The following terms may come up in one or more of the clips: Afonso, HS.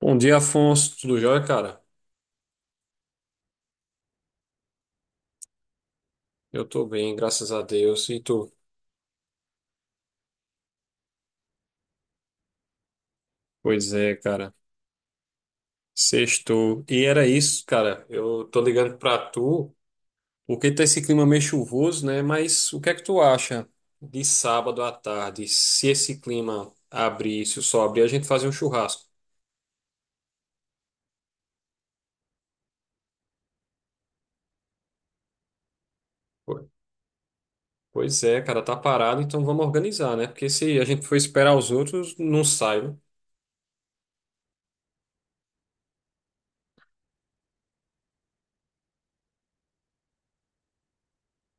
Bom dia, Afonso. Tudo jóia, cara? Eu tô bem, graças a Deus. E tu? Pois é, cara. Sextou. E era isso, cara. Eu tô ligando pra tu, porque tá esse clima meio chuvoso, né? Mas o que é que tu acha de sábado à tarde, se esse clima abrir, se o sol abrir, a gente fazer um churrasco? Po- Pois é, cara, tá parado, então vamos organizar, né? Porque se a gente for esperar os outros, não sai, né?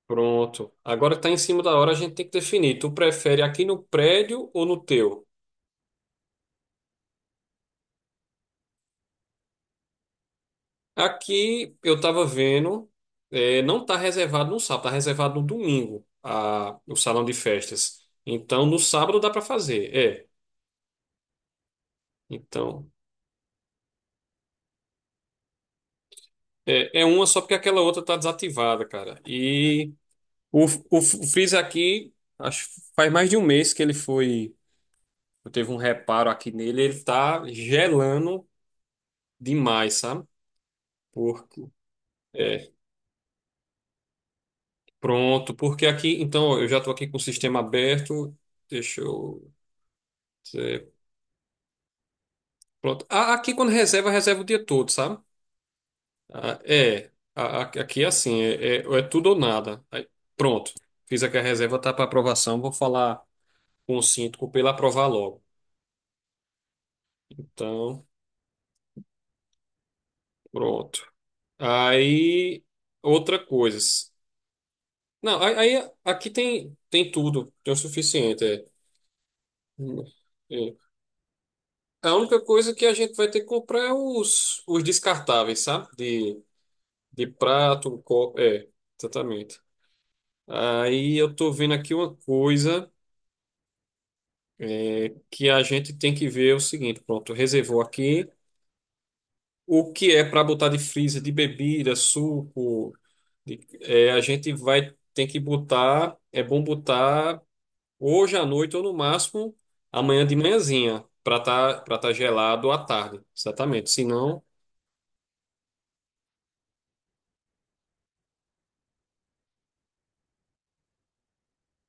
Pronto. Agora tá em cima da hora, a gente tem que definir. Tu prefere aqui no prédio ou no teu? Aqui eu estava vendo, não está reservado no sábado, está reservado no domingo o salão de festas. Então no sábado dá para fazer, é. Então é uma só porque aquela outra está desativada, cara. E o aqui, acho que faz mais de um mês que ele foi, eu teve um reparo aqui nele, ele tá gelando demais, sabe? Porque, é, porque aqui, então ó, eu já estou aqui com o sistema aberto, deixa eu. Pronto. Aqui quando reserva, reserva o dia todo, sabe? Ah, é. Aqui é assim, é tudo ou nada. Aí, pronto. Fiz aqui a reserva, tá para aprovação. Vou falar com o síndico para ele aprovar logo. Então, pronto. Aí, outra coisa. Não, aí aqui tem tudo. Tem o suficiente. É. É. A única coisa que a gente vai ter que comprar é os descartáveis, sabe? De prato, copo. É, exatamente. Aí eu tô vendo aqui uma coisa que a gente tem que ver é o seguinte, pronto, reservou aqui o que é para botar de freezer de bebida, suco, a gente vai ter que botar, é bom botar hoje à noite ou no máximo amanhã de manhãzinha para tá gelado à tarde, exatamente. Se não,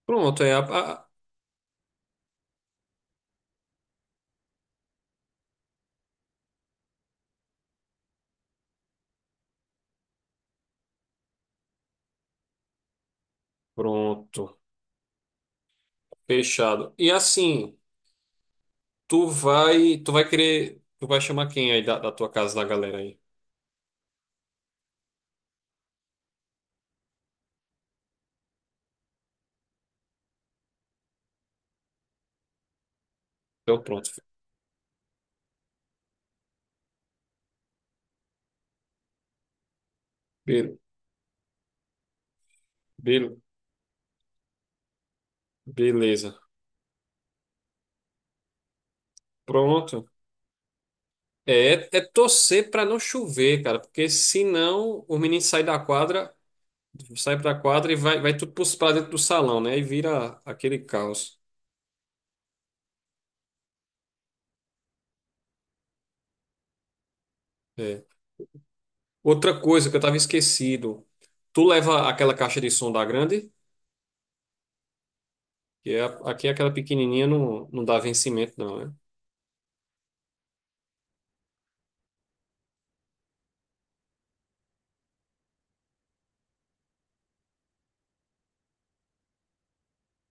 pronto, a- pronto, fechado. E assim, tu vai chamar quem aí da tua casa da galera aí? Então pronto. Be- Beleza. Pronto. É torcer para não chover, cara, porque senão o menino sai da quadra, sai pra quadra e vai tudo pra dentro do salão, né? E vira aquele caos. É. Outra coisa que eu tava esquecido. Tu leva aquela caixa de som da grande, que é, aqui é aquela pequenininha não, não dá vencimento não, né?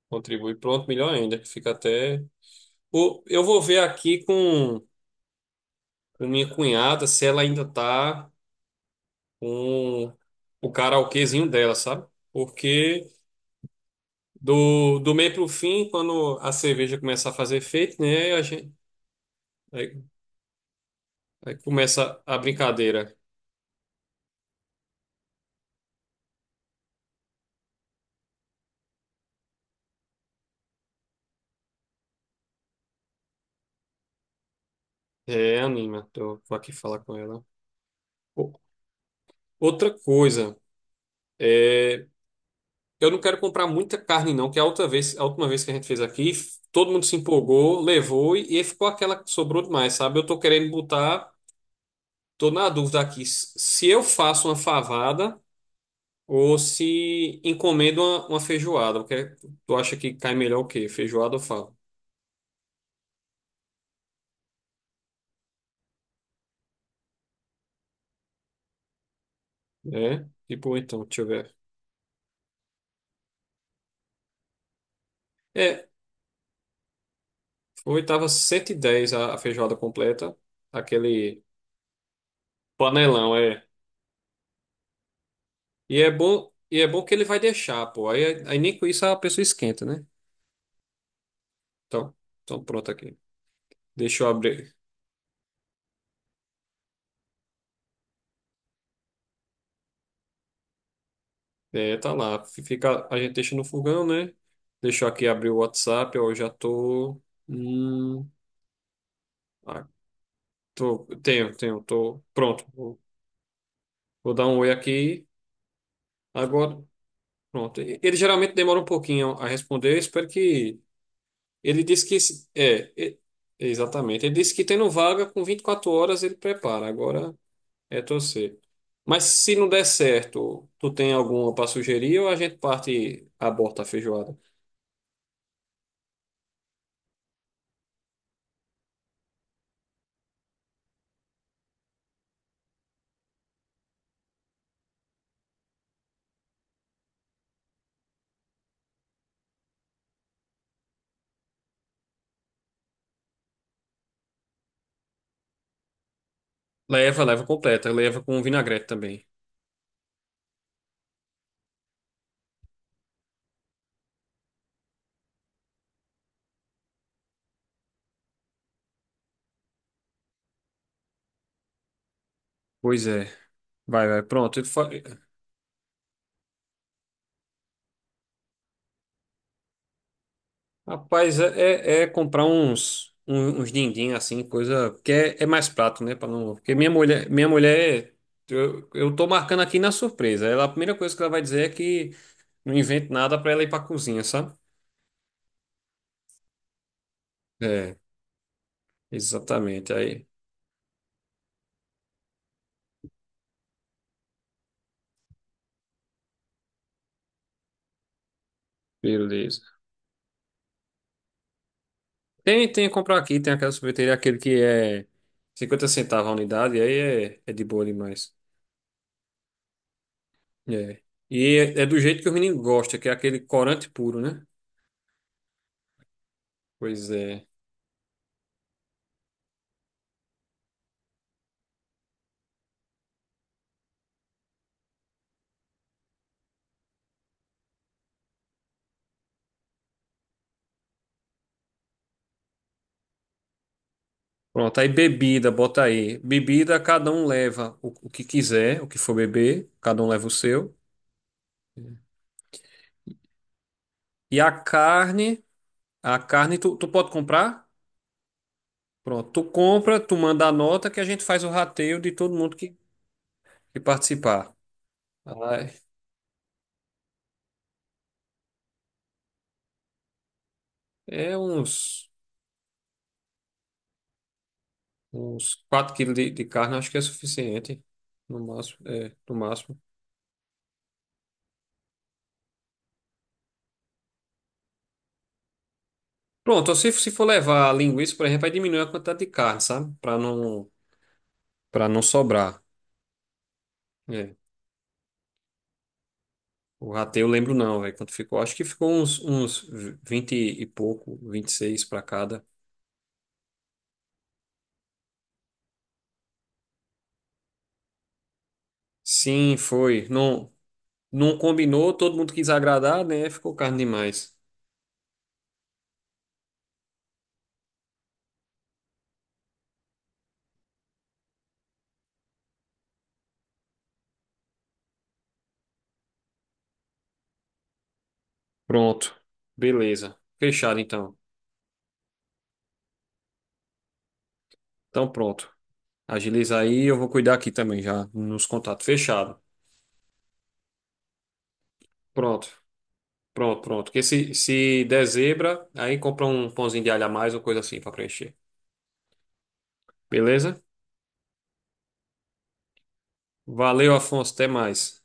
Contribui. Pronto, melhor ainda, que fica até... Ou eu vou ver aqui com minha cunhada se ela ainda tá... com o karaokezinho dela, sabe? Porque do meio pro fim, quando a cerveja começa a fazer efeito, né? A gente, aí, aí começa a brincadeira. É, anima, tô, vou aqui falar com ela. O- Outra coisa, é, eu não quero comprar muita carne, não, que a outra vez, a última vez que a gente fez aqui, todo mundo se empolgou, levou e ficou aquela que sobrou demais, sabe? Eu tô querendo botar, tô na dúvida aqui, se eu faço uma favada. Ou se encomenda uma feijoada. Tu acha que cai melhor o quê? Feijoada ou fava? É? Tipo, então, deixa eu ver. É, foi, tava 110 a feijoada completa. Aquele panelão, é. E é bom que ele vai deixar, pô. Aí, aí nem com isso a pessoa esquenta, né? Então, então pronto aqui. Deixa eu abrir. É, tá lá. Fica, a gente deixa no fogão, né? Deixa eu aqui abrir o WhatsApp, ó, eu já tô. Hum, ah, tô, tenho, tô pronto. Vou dar um oi aqui. Agora, pronto. Ele geralmente demora um pouquinho a responder. Eu espero que. Ele disse que. Exatamente. Ele disse que tendo vaga, com 24 horas ele prepara. Agora é torcer. Mas se não der certo, tu tem alguma para sugerir ou a gente parte, e aborta a feijoada? Leva, leva completa. Leva com vinagrete também. Pois é. Vai, vai. Pronto. Rapaz, é comprar uns din-din, assim, coisa, que é mais prato, né? Para não, porque minha mulher, eu tô marcando aqui na surpresa. Ela, a primeira coisa que ela vai dizer é que não invento nada para ela ir pra cozinha, sabe? É, exatamente. Aí, beleza. Tem que comprar aqui, tem aquela sorveteria, aquele que é 50 centavos a unidade, aí é de boa demais. É. E é do jeito que o menino gosta, que é aquele corante puro, né? Pois é. Pronto, aí bebida, bota aí. Bebida, cada um leva o que quiser, o que for beber, cada um leva o seu. E a carne tu pode comprar? Pronto, tu compra, tu manda a nota que a gente faz o rateio de todo mundo que participar. Ai, é uns 4 quilos de carne, acho que é suficiente. No máximo, no máximo. Pronto, se for levar linguiça, por exemplo, aí diminui a quantidade de carne, sabe? Para não sobrar. É. O rateio eu lembro não, velho, quanto ficou. Acho que ficou uns 20 e pouco, 26 para cada. Sim, foi. Não, não combinou, todo mundo quis agradar, né? Ficou carne demais. Pronto. Beleza. Fechado então. Então pronto. Agiliza aí, eu vou cuidar aqui também já nos contatos. Fechado. Pronto. Pronto, pronto. Porque se der zebra, aí compra um pãozinho de alho a mais ou coisa assim para preencher. Beleza? Valeu, Afonso. Até mais.